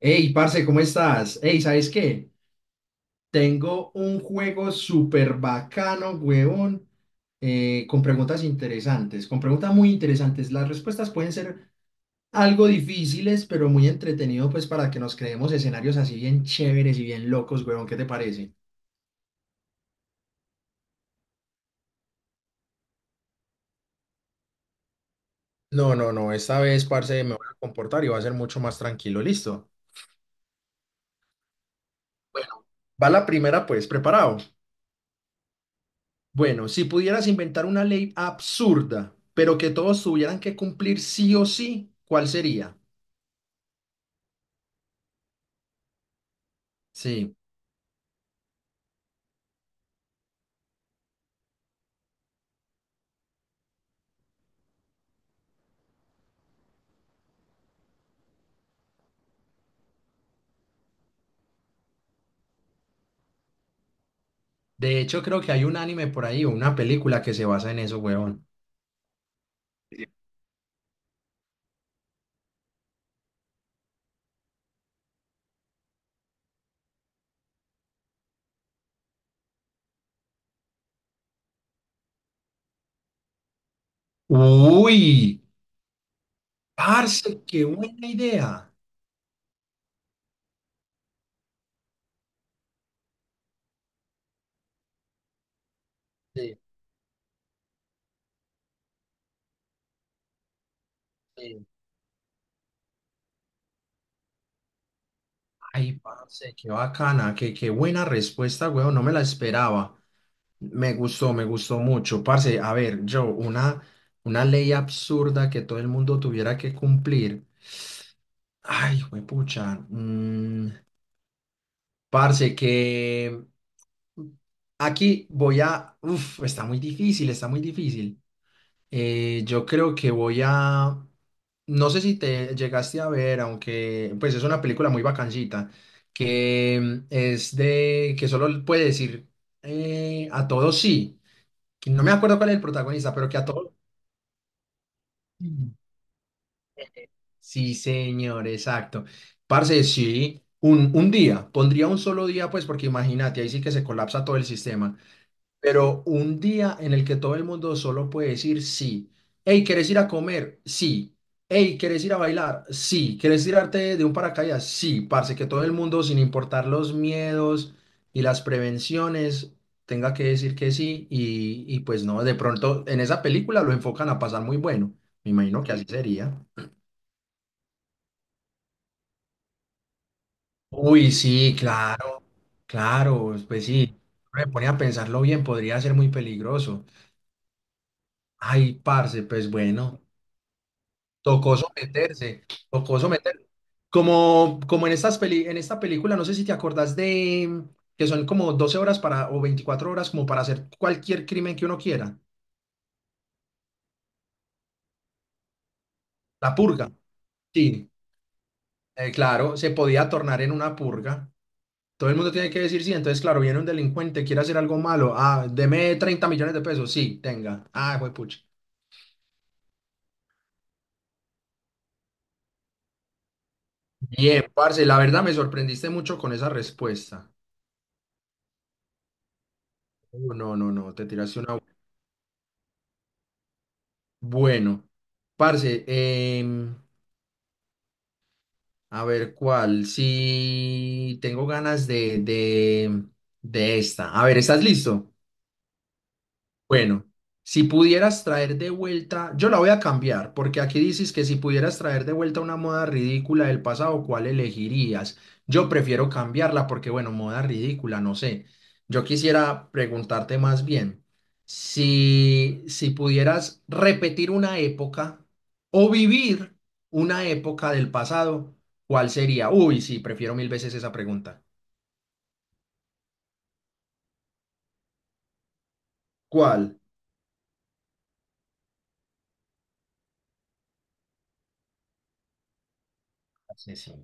Hey, parce, ¿cómo estás? Hey, ¿sabes qué? Tengo un juego súper bacano, huevón, con preguntas interesantes, con preguntas muy interesantes. Las respuestas pueden ser algo difíciles, pero muy entretenido, pues, para que nos creemos escenarios así bien chéveres y bien locos, huevón. ¿Qué te parece? No, no, no, esta vez, parce, me voy a comportar y va a ser mucho más tranquilo, listo. Bueno. Va la primera, pues, preparado. Bueno, si pudieras inventar una ley absurda, pero que todos tuvieran que cumplir sí o sí, ¿cuál sería? Sí. De hecho, creo que hay un anime por ahí o una película que se basa en eso, weón. Uy, parce, qué buena idea. Sí, sí. Ay, parce, qué bacana, qué buena respuesta, weón. No me la esperaba. Me gustó mucho. Parce, a ver, yo, una ley absurda que todo el mundo tuviera que cumplir. Ay, pucha. Parce, que aquí voy a... Uf, está muy difícil, está muy difícil. Yo creo que voy a... No sé si te llegaste a ver, aunque pues es una película muy bacancita, que es de... que solo puede decir a todos sí. que No me acuerdo cuál es el protagonista, pero que a todos... sí. Sí, señor, exacto. Parce, sí, un día, pondría un solo día, pues porque imagínate, ahí sí que se colapsa todo el sistema. Pero un día en el que todo el mundo solo puede decir sí. Hey, ¿quieres ir a comer? Sí. Hey, ¿quieres ir a bailar? Sí. ¿Quieres tirarte de un paracaídas? Sí, parce, que todo el mundo, sin importar los miedos y las prevenciones, tenga que decir que sí. Y pues no, de pronto en esa película lo enfocan a pasar muy bueno. Me imagino que así sería. Uy, sí, claro, claro, pues sí. Me pone a pensarlo bien, podría ser muy peligroso. Ay, parce, pues bueno. Tocó someterse, tocó someterse. Como en estas en esta película, no sé si te acordás de que son como 12 horas para, o 24 horas como para hacer cualquier crimen que uno quiera. La purga. Sí, claro, se podía tornar en una purga. Todo el mundo tiene que decir sí. Entonces, claro, viene un delincuente, quiere hacer algo malo. Ah, deme 30 millones de pesos. Sí, tenga. Ah, pucha. Bien, parce, la verdad me sorprendiste mucho con esa respuesta. No, no, no, no, te tiraste una. Bueno, parce, a ver cuál. Si tengo ganas de, esta. A ver, ¿estás listo? Bueno, si pudieras traer de vuelta, yo la voy a cambiar, porque aquí dices que si pudieras traer de vuelta una moda ridícula del pasado, ¿cuál elegirías? Yo prefiero cambiarla porque, bueno, moda ridícula, no sé. Yo quisiera preguntarte más bien, si pudieras repetir una época o vivir una época del pasado, ¿cuál sería? Uy, sí, prefiero mil veces esa pregunta. ¿Cuál? Sí, sí.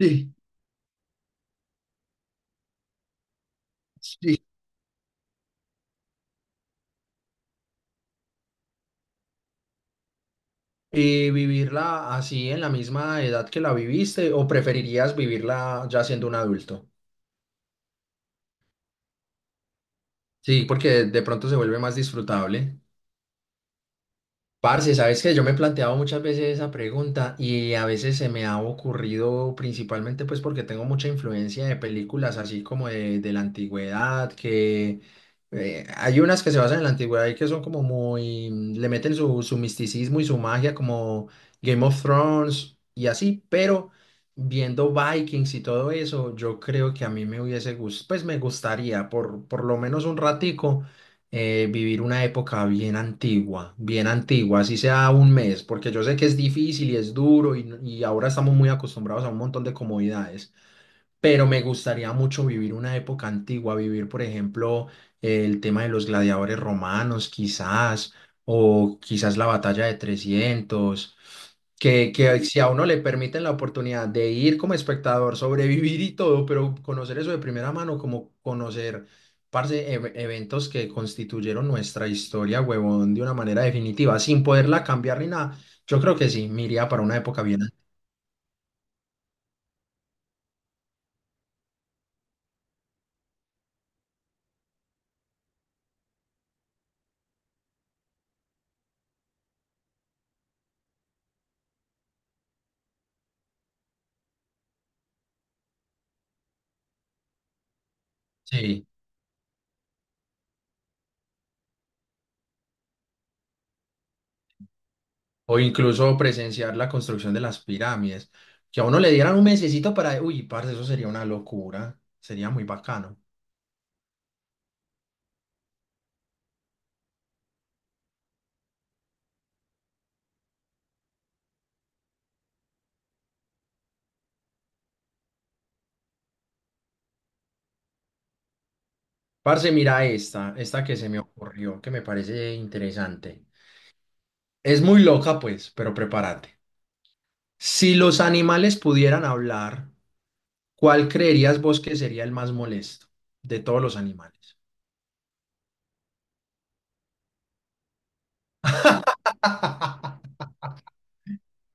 Sí, sí. ¿Y vivirla así en la misma edad que la viviste o preferirías vivirla ya siendo un adulto? Sí, porque de pronto se vuelve más disfrutable. Parce, sabes que yo me he planteado muchas veces esa pregunta y a veces se me ha ocurrido principalmente pues porque tengo mucha influencia de películas así como de la antigüedad, que hay unas que se basan en la antigüedad y que son como muy, le meten su misticismo y su magia como Game of Thrones y así, pero viendo Vikings y todo eso, yo creo que a mí me hubiese gustado, pues me gustaría por lo menos un ratico vivir una época bien antigua, así sea un mes, porque yo sé que es difícil y es duro y ahora estamos muy acostumbrados a un montón de comodidades, pero me gustaría mucho vivir una época antigua, vivir, por ejemplo, el tema de los gladiadores romanos, quizás, o quizás la batalla de 300 que si a uno le permiten la oportunidad de ir como espectador, sobrevivir y todo, pero conocer eso de primera mano, como conocer, parce, eventos que constituyeron nuestra historia, huevón, de una manera definitiva, sin poderla cambiar ni nada, yo creo que sí, me iría para una época bien. Sí. O incluso presenciar la construcción de las pirámides. Que a uno le dieran un mesecito para, uy, parce, eso sería una locura. Sería muy bacano. Parce, mira esta, que se me ocurrió, que me parece interesante. Es muy loca, pues, pero prepárate. Si los animales pudieran hablar, ¿cuál creerías vos que sería el más molesto de todos los animales?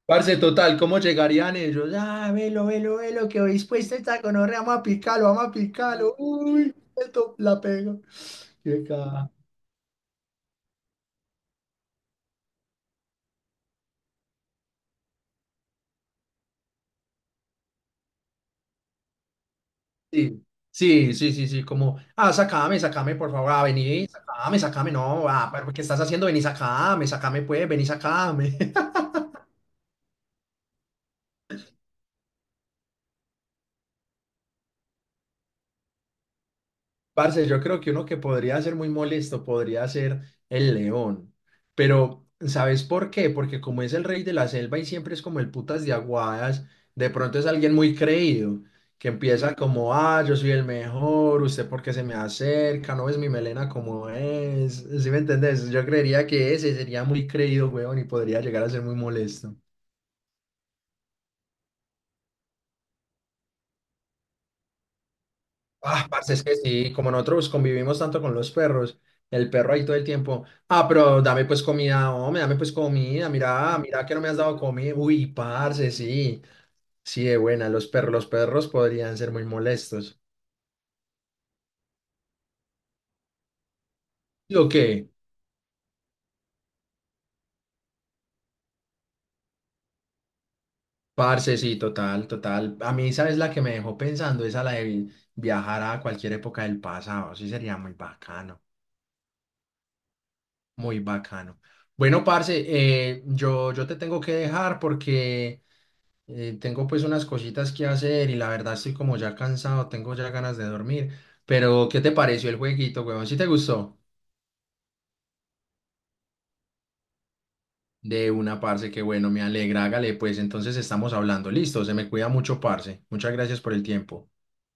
Parce, total, ¿cómo llegarían ellos? Ah, velo, velo, velo, que hoy puesta esta gonorrea, vamos a picarlo, vamos a picarlo. Uy, esto la pego. Qué caja. Sí, sí, sí, sí, sí, como, ah, sacame, sacame, por favor, ah, vení, sacame, sacame, no, ah, pero ¿qué estás haciendo? Vení, sacame, sacame, pues, vení, sacame. Parce, yo creo que uno que podría ser muy molesto podría ser el león. Pero, ¿sabes por qué? Porque como es el rey de la selva y siempre es como el putas de aguadas, de pronto es alguien muy creído, que empieza como, ah, yo soy el mejor, usted porque se me acerca, no ves mi melena como es. ¿Sí me entendés? Yo creería que ese sería muy creído, huevón, y podría llegar a ser muy molesto. Ah, parce, es que sí, como nosotros convivimos tanto con los perros, el perro ahí todo el tiempo. Ah, pero dame pues comida, hombre, dame pues comida. Mira, mira que no me has dado comida. Uy, parce, sí. Sí, de buena, los perros podrían ser muy molestos. ¿Lo qué? Parce, sí, total, total. A mí, ¿sabes la que me dejó pensando? Esa la de viajar a cualquier época del pasado. Sí, sería muy bacano, muy bacano. Bueno, parce, yo te tengo que dejar porque. Tengo pues unas cositas que hacer y la verdad estoy como ya cansado, tengo ya ganas de dormir. Pero, ¿qué te pareció el jueguito, huevón? ¿Sí te gustó? De una, parce, que bueno, me alegra, hágale, pues entonces estamos hablando. Listo, se me cuida mucho, parce. Muchas gracias por el tiempo.